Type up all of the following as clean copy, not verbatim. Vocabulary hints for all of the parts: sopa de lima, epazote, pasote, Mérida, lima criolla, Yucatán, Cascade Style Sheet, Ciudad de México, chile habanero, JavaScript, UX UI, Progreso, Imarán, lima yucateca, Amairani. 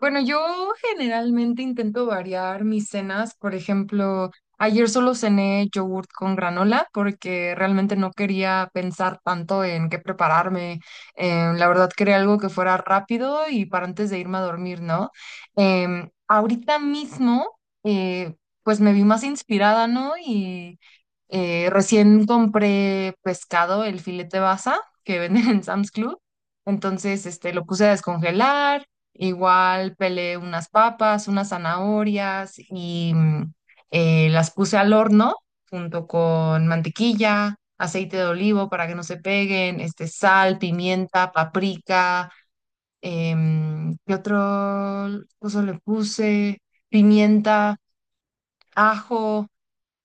Bueno, yo generalmente intento variar mis cenas. Por ejemplo, ayer solo cené yogurt con granola porque realmente no quería pensar tanto en qué prepararme. La verdad quería algo que fuera rápido y para antes de irme a dormir, ¿no? Ahorita mismo, eh, pues me vi más inspirada, ¿no? Y recién compré pescado, el filete basa que venden en Sam's Club. Entonces, este, lo puse a descongelar. Igual pelé unas papas, unas zanahorias y las puse al horno junto con mantequilla, aceite de olivo para que no se peguen, este, sal, pimienta, paprika, ¿qué otro cosa le puse? Pimienta, ajo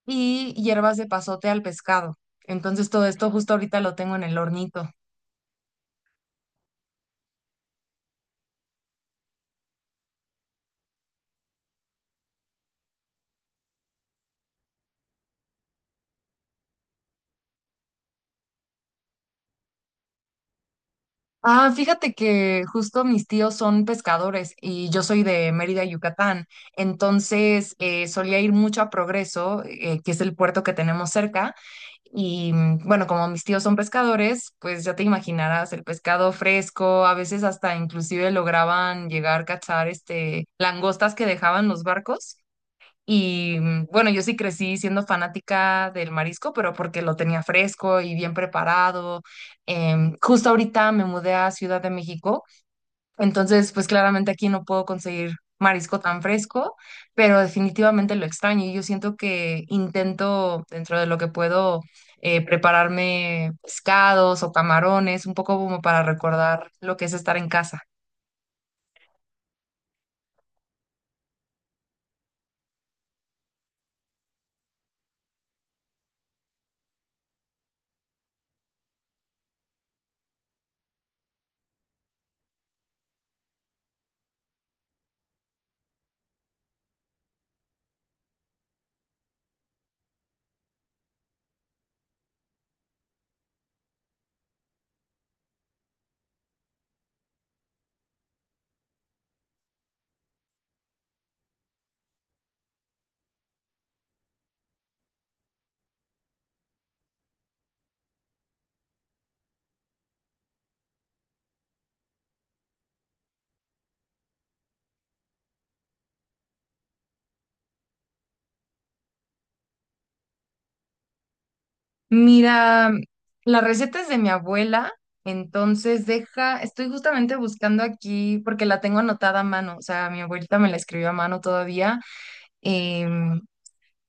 y hierbas de pasote al pescado. Entonces todo esto justo ahorita lo tengo en el hornito. Ah, fíjate que justo mis tíos son pescadores y yo soy de Mérida, Yucatán. Entonces, solía ir mucho a Progreso, que es el puerto que tenemos cerca. Y bueno, como mis tíos son pescadores, pues ya te imaginarás el pescado fresco, a veces hasta inclusive lograban llegar a cazar este langostas que dejaban los barcos. Y bueno, yo sí crecí siendo fanática del marisco, pero porque lo tenía fresco y bien preparado. Justo ahorita me mudé a Ciudad de México, entonces pues claramente aquí no puedo conseguir marisco tan fresco, pero definitivamente lo extraño y yo siento que intento dentro de lo que puedo, prepararme pescados o camarones, un poco como para recordar lo que es estar en casa. Mira, la receta es de mi abuela, entonces deja, estoy justamente buscando aquí porque la tengo anotada a mano, o sea, mi abuelita me la escribió a mano todavía. em,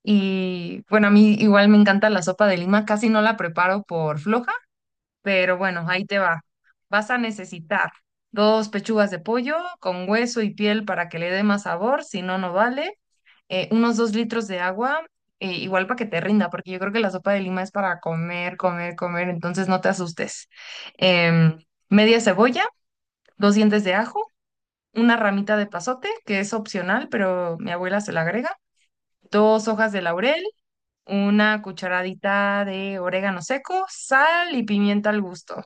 y bueno, a mí igual me encanta la sopa de lima, casi no la preparo por floja, pero bueno, ahí te va. Vas a necesitar dos pechugas de pollo con hueso y piel para que le dé más sabor, si no, no vale. Unos dos litros de agua, igual para que te rinda, porque yo creo que la sopa de lima es para comer, comer, comer, entonces no te asustes. Em, Media cebolla, dos dientes de ajo, una ramita de pasote, que es opcional, pero mi abuela se la agrega, dos hojas de laurel, una cucharadita de orégano seco, sal y pimienta al gusto.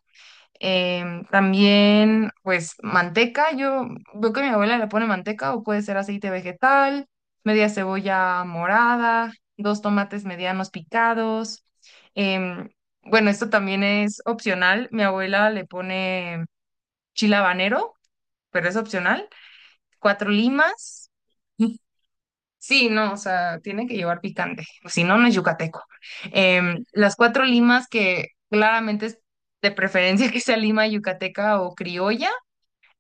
También, pues, manteca. Yo veo que mi abuela le pone manteca o puede ser aceite vegetal, media cebolla morada, dos tomates medianos picados. Em, bueno, esto también es opcional. Mi abuela le pone chile habanero, pero es opcional. Cuatro limas. Sí, no, o sea, tiene que llevar picante, o si no, no es yucateco. Las cuatro limas que claramente es de preferencia que sea lima yucateca o criolla,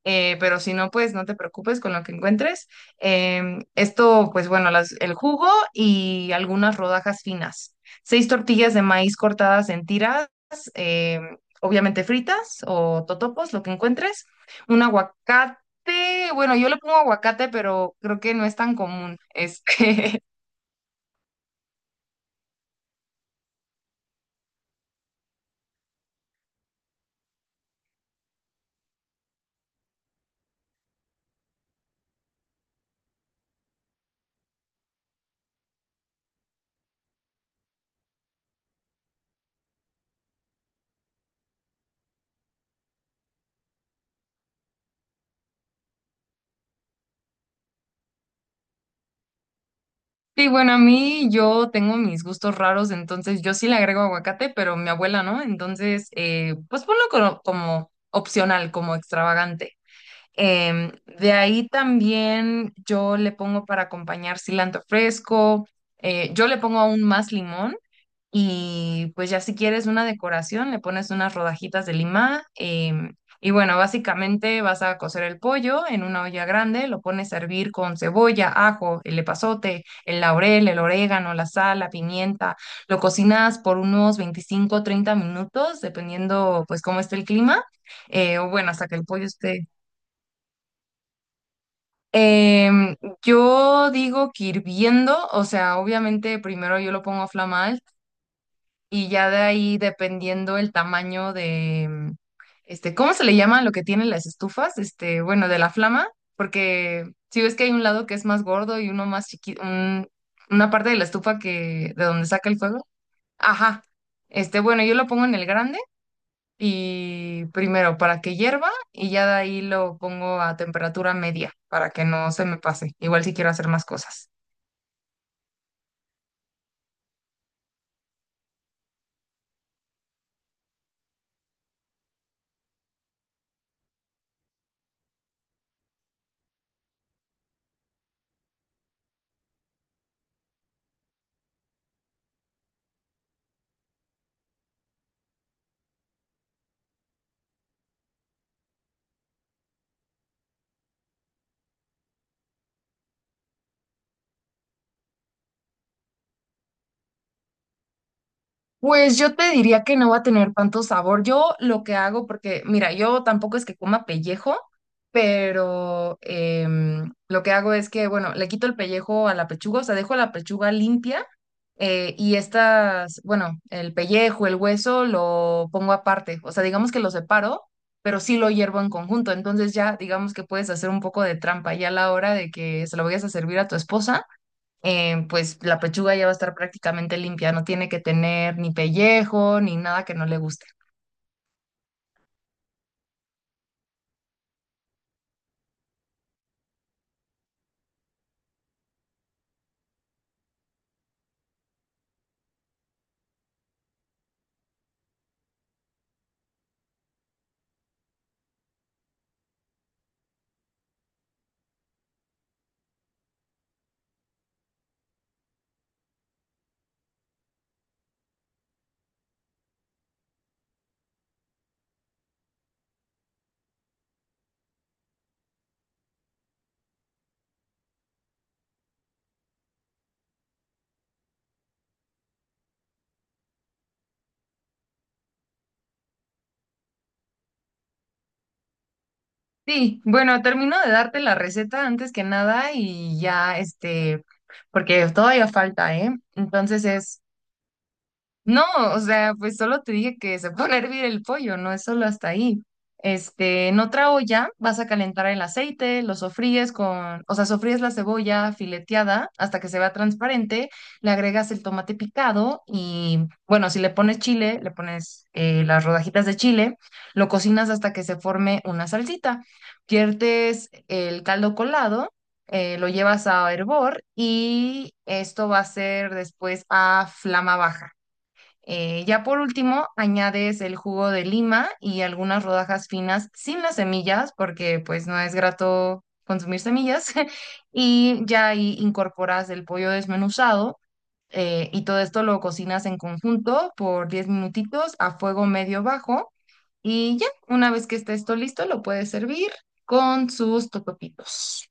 pero si no, pues no te preocupes con lo que encuentres. Esto, pues bueno, las- el jugo y algunas rodajas finas. Seis tortillas de maíz cortadas en tiras, obviamente fritas o totopos, lo que encuentres. Un aguacate, bueno, yo le pongo aguacate, pero creo que no es tan común. Este. Sí, bueno, a mí yo tengo mis gustos raros, entonces yo sí le agrego aguacate, pero mi abuela no, entonces pues ponlo como opcional, como extravagante. Em, de ahí también yo le pongo para acompañar cilantro fresco, yo le pongo aún más limón y pues ya si quieres una decoración le pones unas rodajitas de lima. Y bueno, básicamente vas a cocer el pollo en una olla grande, lo pones a hervir con cebolla, ajo, el epazote, el laurel, el orégano, la sal, la pimienta, lo cocinas por unos 25 o 30 minutos dependiendo pues cómo esté el clima, o bueno, hasta que el pollo esté... Em, yo digo que hirviendo, o sea, obviamente primero yo lo pongo a flamar y ya de ahí dependiendo el tamaño de, este, ¿cómo se le llama lo que tienen las estufas? Este, bueno, de la flama, porque si ves que hay un lado que es más gordo y uno más chiquito, una parte de la estufa que, de donde saca el fuego. Ajá. Este, bueno, yo lo pongo en el grande y primero para que hierva y ya de ahí lo pongo a temperatura media para que no se me pase. Igual si quiero hacer más cosas. Pues yo te diría que no va a tener tanto sabor. Yo lo que hago, porque mira, yo tampoco es que coma pellejo, pero lo que hago es que, bueno, le quito el pellejo a la pechuga, o sea, dejo la pechuga limpia. Y estas, bueno, el pellejo, el hueso, lo pongo aparte. O sea, digamos que lo separo, pero sí lo hiervo en conjunto. Entonces ya, digamos que puedes hacer un poco de trampa. Ya a la hora de que se lo vayas a servir a tu esposa, pues la pechuga ya va a estar prácticamente limpia. No tiene que tener ni pellejo, ni nada que no le guste. Sí, bueno, termino de darte la receta antes que nada y ya, este, porque todavía falta, ¿eh? Entonces es... No, o sea, pues solo te dije que se pone a hervir el pollo, no es solo hasta ahí. Este, en otra olla vas a calentar el aceite, lo sofríes con, o sea, sofríes la cebolla fileteada hasta que se vea transparente, le agregas el tomate picado y, bueno, si le pones chile, le pones las rodajitas de chile, lo cocinas hasta que se forme una salsita. Viertes el caldo colado, lo llevas a hervor y esto va a ser después a flama baja. Ya por último, añades el jugo de lima y algunas rodajas finas sin las semillas, porque pues no es grato consumir semillas. Y ya ahí incorporas el pollo desmenuzado, y todo esto lo cocinas en conjunto por 10 minutitos a fuego medio bajo. Y ya, una vez que esté esto listo, lo puedes servir con sus totopitos.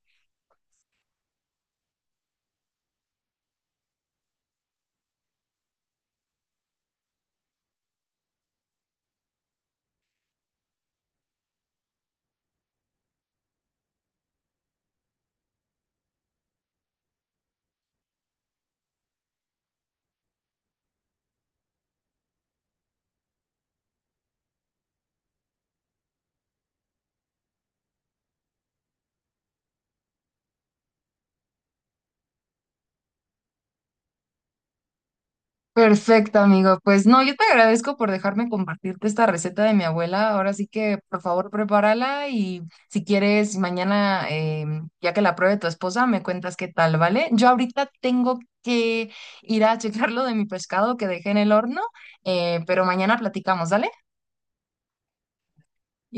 Perfecto, amigo. Pues no, yo te agradezco por dejarme compartirte esta receta de mi abuela. Ahora sí que, por favor, prepárala y si quieres, mañana, ya que la pruebe tu esposa, me cuentas qué tal, ¿vale? Yo ahorita tengo que ir a checar lo de mi pescado que dejé en el horno, pero mañana platicamos, ¿vale?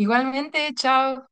Igualmente, chao.